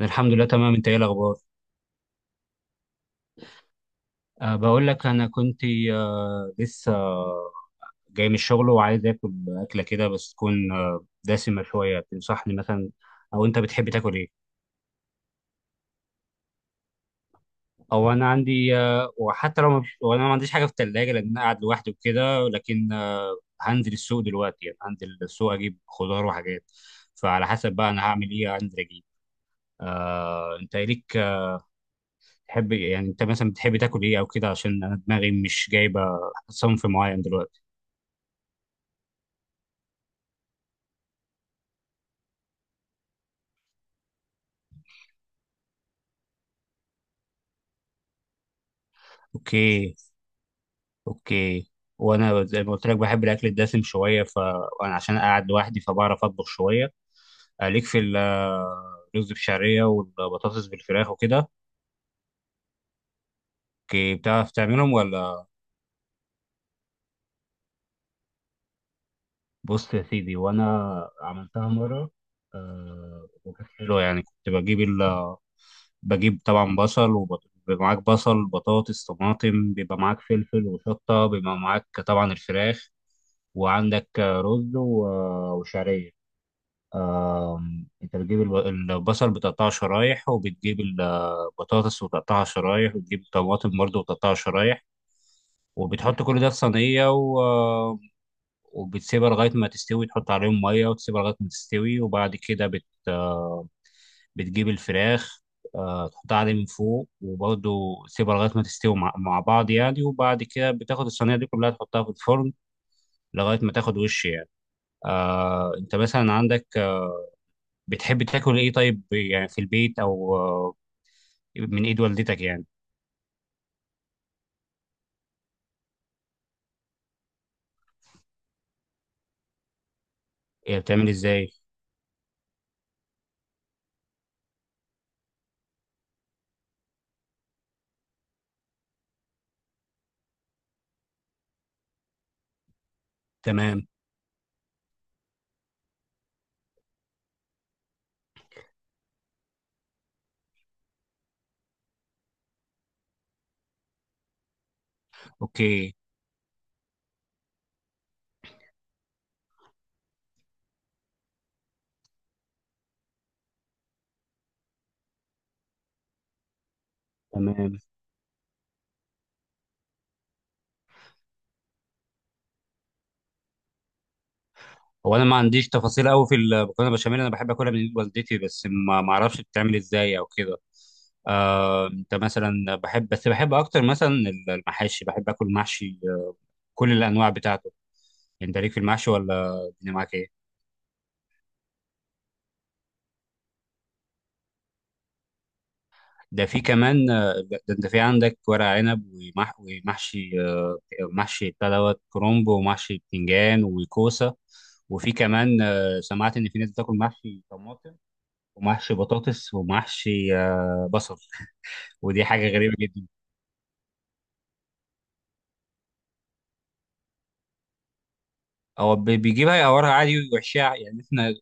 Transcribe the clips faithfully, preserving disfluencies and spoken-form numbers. الحمد لله تمام. انت ايه الاخبار؟ أه بقول لك انا كنت أه لسه جاي من الشغل وعايز اكل اكله كده بس تكون أه دسمه شويه. تنصحني مثلا؟ او انت بتحب تاكل ايه؟ او انا عندي أه وحتى لو ما فيش- وانا ما عنديش حاجه في الثلاجه لان انا قاعد لوحدي وكده، لكن أه هنزل السوق دلوقتي، يعني هنزل السوق اجيب خضار وحاجات، فعلى حسب بقى انا هعمل ايه انزل اجيب. أه انت إيه ليك آه، تحب؟ يعني انت مثلا بتحب تاكل ايه او كده، عشان انا دماغي مش جايبه صنف معين دلوقتي. اوكي، اوكي. وانا زي ما قلت لك بحب الاكل الدسم شويه ف وانا عشان قاعد لوحدي فبعرف اطبخ شويه. ليك في الرز بشعريه والبطاطس بالفراخ وكده؟ اوكي، بتعرف تعملهم ولا؟ بص يا سيدي، وانا عملتها مره آه، وكانت حلوه يعني. كنت بجيب ال... بجيب طبعا بصل وبط... بيبقى معاك بصل، بطاطس، طماطم، بيبقى معاك فلفل وشطه، بيبقى معاك طبعا الفراخ، وعندك آه، رز و- وشعريه. آم، انت بتجيب الب- البصل بتقطعه شرايح، وبتجيب البطاطس وتقطعها شرايح، وبتجيب الطماطم برضه وتقطعها شرايح، وبتحط كل ده في صينية و... آم، وبتسيبها لغاية ما تستوي، تحط عليهم مية وتسيبها لغاية ما تستوي، وبعد كده بت... آه، بتجيب الفراخ آه، تحطها عليه من فوق، وبرضه تسيبها لغاية ما تستوي مع مع بعض يعني. وبعد كده بتاخد الصينية دي كلها تحطها في الفرن لغاية ما تاخد وش يعني. آه، انت مثلا عندك بتحب تاكل ايه طيب، يعني في البيت، او آه، من ايد والدتك يعني؟ هي بتعمل ازاي؟ تمام. اوكي، تمام. هو انا ما عنديش تفاصيل قوي في المكرونه البشاميل، انا بحب اكلها من ايد والدتي بس ما ما اعرفش بتتعمل ازاي او كده. آه، انت مثلا بحب بس بحب اكتر مثلا المحاشي، بحب اكل محشي آه، كل الانواع بتاعته. انت ليك في المحشي ولا الدنيا معاك ايه؟ ده في كمان آه، ده ده انت في عندك ورق عنب، ومح ومحشي آه، محشي بتاع دوت كرومب، ومحشي بتنجان وكوسه. وفي كمان آه، سمعت ان في ناس بتاكل محشي طماطم، ومحشي بطاطس، ومحشي آه، بصل. ودي حاجه غريبه جدا. هو بي- بيجيبها يقورها عادي ويحشيها يعني. احنا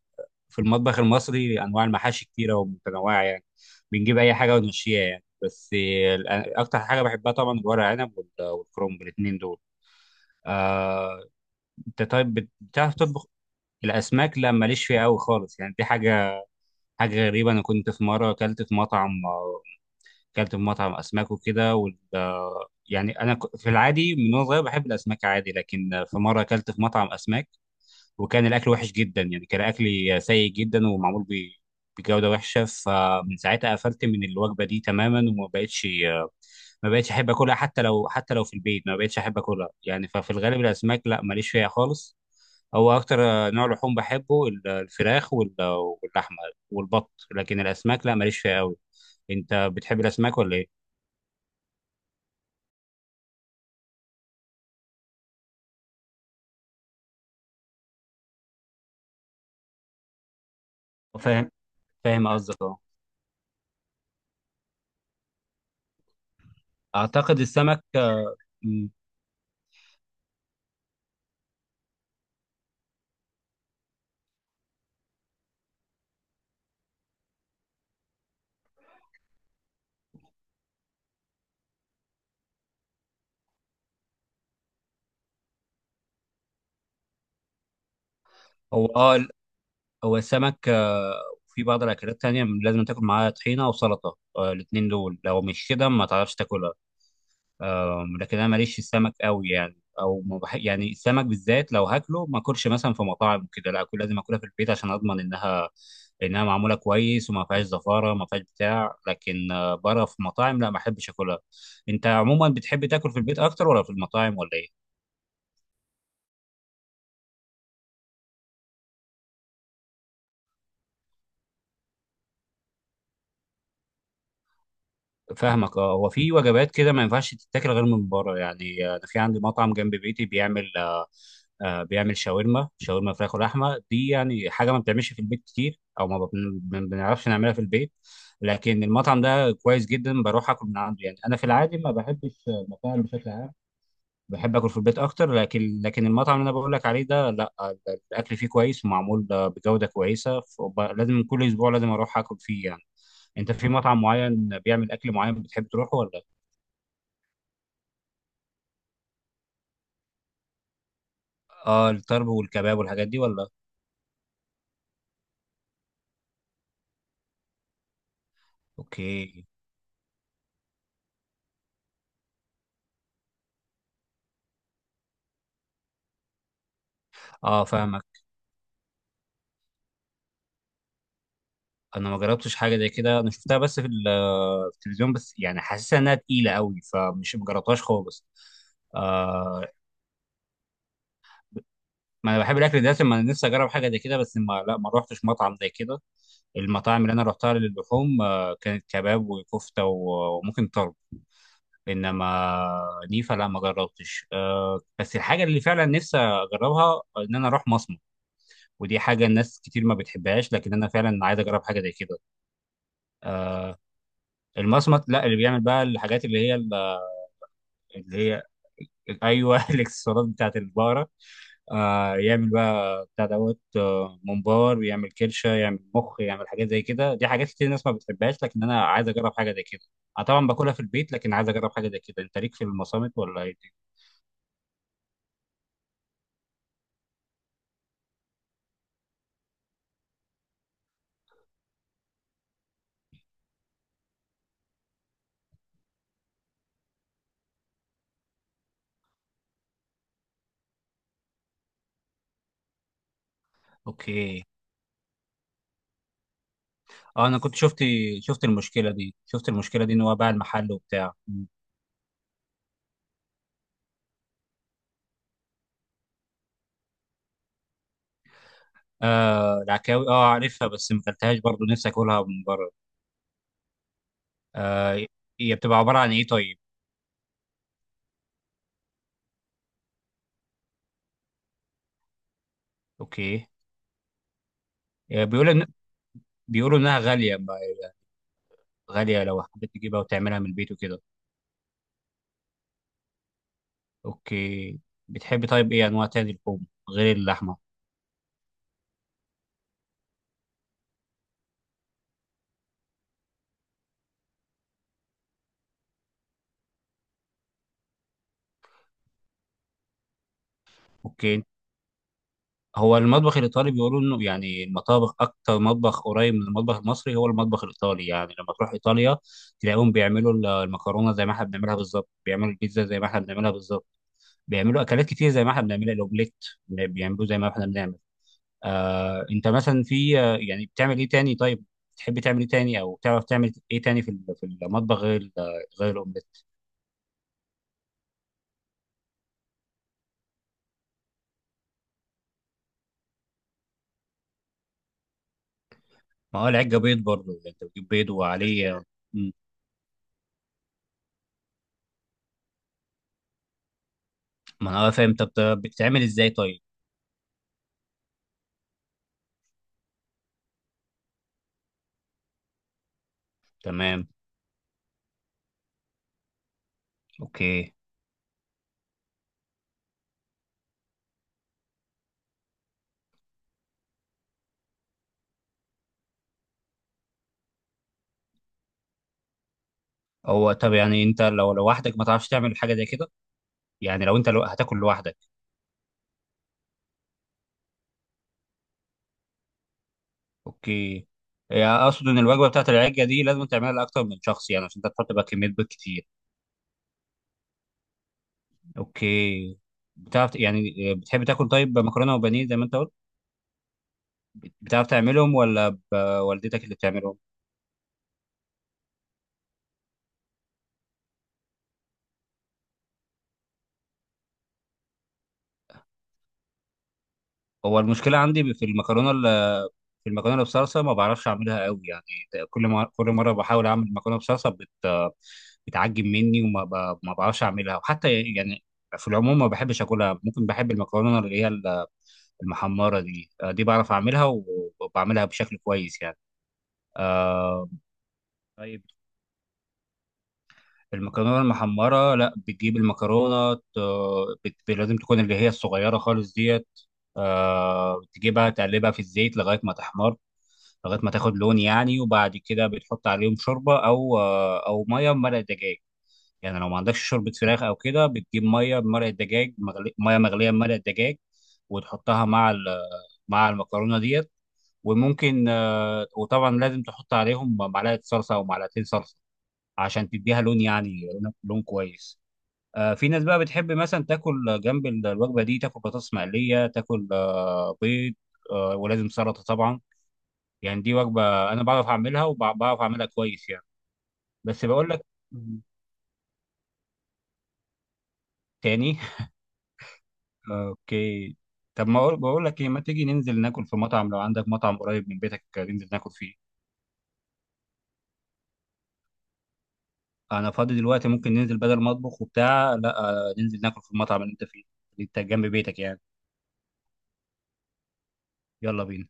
في المطبخ المصري انواع المحاشي كتيره ومتنوعه يعني، بنجيب اي حاجه ونمشيها يعني. بس آه، اكتر حاجه بحبها طبعا الورق عنب وال- والكرومب، الاثنين دول. آه، انت طيب بت- بتعرف تطبخ؟ الاسماك لا، ماليش فيها قوي خالص يعني. دي حاجه، حاجه غريبه. انا كنت في مره اكلت في مطعم آه، اكلت في مطعم اسماك وكده وال- آه، يعني انا ك- في العادي من وانا صغير بحب الاسماك عادي، لكن آه، في مره اكلت في مطعم اسماك وكان الاكل وحش جدا يعني، كان اكلي سيء جدا ومعمول ب- بجوده وحشه، فمن ساعتها قفلت من الوجبه دي تماما، وما بقتش ما بقتش احب اكلها، حتى لو حتى لو في البيت ما بقتش احب اكلها يعني. ففي الغالب الاسماك لا، ماليش فيها خالص. هو اكتر آه، نوع لحوم بحبه ال- الفراخ وال- واللحمه والبط، لكن الاسماك لا، ماليش فيها قوي. انت بتحب الاسماك ولا ايه؟ فاهم، فاهم قصدك، اه. اعتقد السمك آه، مم. هو اه، هو السمك آه، وفي بعض الأكلات تانية لازم تاكل معاها طحينة وسلطة آه، الاتنين دول، لو مش كده ما تعرفش تاكلها. آه، لكن أنا ماليش في السمك قوي يعني، أو ما بح... يعني السمك بالذات لو هاكله ما أكلش مثلا في مطاعم وكده لا، أكل لازم أكلها في البيت عشان أضمن إنها، إنها معمولة كويس وما فيهاش زفارة، ما فيهاش بتاع. لكن آه، بره في مطاعم لا، ما أحبش أكلها. أنت عموما بتحب تاكل في البيت أكتر ولا في المطاعم، ولا إيه؟ فاهمك، اه. هو في وجبات كده ما ينفعش تتاكل غير من بره يعني. آه، انا في عندي مطعم جنب بيتي بيعمل آه، آه، بيعمل شاورما، شاورما فراخ ولحمه. دي يعني حاجه ما بتعملش في البيت كتير، او ما بن- ما بنعرفش نعملها في البيت. لكن المطعم ده كويس جدا، بروح اكل من عنده يعني. انا في العادي ما بحبش المطاعم بشكل عام، بحب اكل في البيت اكتر. لكن لكن المطعم اللي انا بقول لك عليه ده لا، الاكل فيه كويس ومعمول بجوده كويسه، فب- لازم كل اسبوع لازم اروح اكل فيه يعني. انت في مطعم معين بيعمل اكل معين بتحب تروحه ولا؟ اه، الطرب والكباب والحاجات دي ولا؟ اوكي. اه، فاهمك. انا ما جربتش حاجه زي كده، انا شفتها بس في ال- في التلفزيون بس يعني، حاسسها انها تقيله قوي، فمش ما جربتهاش خالص. آه، ما انا بحب الاكل ده، ما انا نفسي اجرب حاجه زي كده. بس ما لا ما روحتش مطعم زي كده. المطاعم اللي انا روحتها للحوم آه، كانت كباب وكفته و- وممكن طرب، انما نيفا لا، ما جربتش. أه، بس الحاجه اللي فعلا نفسي اجربها ان انا اروح مصمت. ودي حاجه الناس كتير ما بتحبهاش، لكن انا فعلا عايز اجرب حاجه زي كده. المصمت لا، اللي بيعمل بقى الحاجات اللي هي ال- اللي هي، ايوه الاكسسوارات بتاعت البقره. آه، يعمل بقى بتاع دوت آه، ممبار، يعمل كرشه، يعمل مخ، يعمل حاجات زي كده. دي حاجات كتير الناس ما بتحبهاش، لكن انا عايز اجرب حاجه زي كده. انا طبعا باكلها في البيت، لكن عايز اجرب حاجه زي كده. انت ليك في المصامت ولا ايه؟ اوكي. اه، انا كنت شفت، شفت المشكله دي، شفت المشكله دي ان هو باع المحل وبتاع. مم. آه، العكاوي، اه عارفها بس ما اكلتهاش برضه، نفسي اكلها من بره. آه، هي بتبقى عباره عن ايه طيب؟ اوكي. آه، بيقولوا إن، بيقولوا انها غاليه ما- غاليه لو حبيت تجيبها وتعملها من البيت وكده. اوكي. بتحبي طيب ايه انواع تاني لحوم غير اللحمه؟ اوكي. هو المطبخ الإيطالي بيقولوا إنه يعني المطابخ أكتر مطبخ قريب من المطبخ المصري هو المطبخ الإيطالي يعني. لما تروح إيطاليا تلاقيهم بيعملوا ال- المكرونة زي ما إحنا بنعملها بالظبط، بيعملوا البيتزا زي ما إحنا بنعملها بالظبط، بيعملوا أكلات كتير زي ما إحنا بنعملها، الأومليت بيعملوه زي ما إحنا بنعمل. آه، أنت مثلا في آه، يعني بتعمل إيه تاني طيب؟ تحب تعمل إيه تاني، أو تعرف تعمل إيه تاني في ال- في المطبخ غير ال- غير الأومليت؟ ما هو العجة بيض برضه يعني، أنت بتجيب بيض وعليه آه، مم. ما أنا فاهم. طب بتعمل إزاي طيب؟ تمام. اوكي. هو طب يعني انت لو لوحدك ما تعرفش تعمل حاجه زي كده، يعني لو انت لو هتاكل لوحدك. اوكي. يعني اقصد ان الوجبه بتاعت العجه دي لازم تعملها لاكتر من شخص يعني، عشان انت تحط بقى كميه بيض كتير. اوكي. بتعرف يعني، بتحب تاكل طيب مكرونه وبانيه زي ما انت قلت؟ بتعرف تعملهم ولا ب- والدتك اللي بتعملهم؟ هو المشكله عندي في المكرونه، في المكرونه بصلصه ما بعرفش اعملها قوي يعني. كل ما كل مره بحاول اعمل مكرونه بصلصه بت بتعجب مني وما ب... ما بعرفش اعملها. وحتى يعني في العموم ما بحبش اكلها. ممكن بحب المكرونه اللي هي المحمره دي، آه، دي بعرف اعملها وبعملها بشكل كويس يعني. آه، المكرونه المحمره، لا بتجيب المكرونه ت- بت- لازم تكون اللي هي الصغيره خالص ديت. آه، تجيبها تقلبها في الزيت لغايه ما تحمر، لغايه ما تاخد لون يعني. وبعد كده بتحط عليهم شوربه، او آه او ميه بمرق دجاج. يعني لو ما عندكش شوربه فراخ او كده بتجيب ميه بمرق الدجاج مغلي... ميه مغليه بمرق الدجاج، وتحطها مع ال... مع المكرونه ديت. وممكن آه، وطبعا لازم تحط عليهم معلقه صلصه او معلقتين صلصه عشان تديها لون يعني، لون لون كويس. آه، في ناس بقى بتحب مثلا تاكل جنب ال- الوجبه دي تاكل بطاطس مقليه، تاكل آه، بيض، آه، ولازم سلطه طبعا. يعني دي وجبه انا بعرف اعملها وبعرف اعملها كويس يعني. بس بقول لك تاني اوكي. طب ما أقول- بقول لك ايه، ما تيجي ننزل ناكل في مطعم؟ لو عندك مطعم قريب من بيتك ننزل ناكل فيه. انا فاضي دلوقتي، ممكن ننزل بدل ما اطبخ وبتاع. لا آه، ننزل ناكل في المطعم اللي انت فيه، اللي انت جنب بيتك يعني. يلا بينا.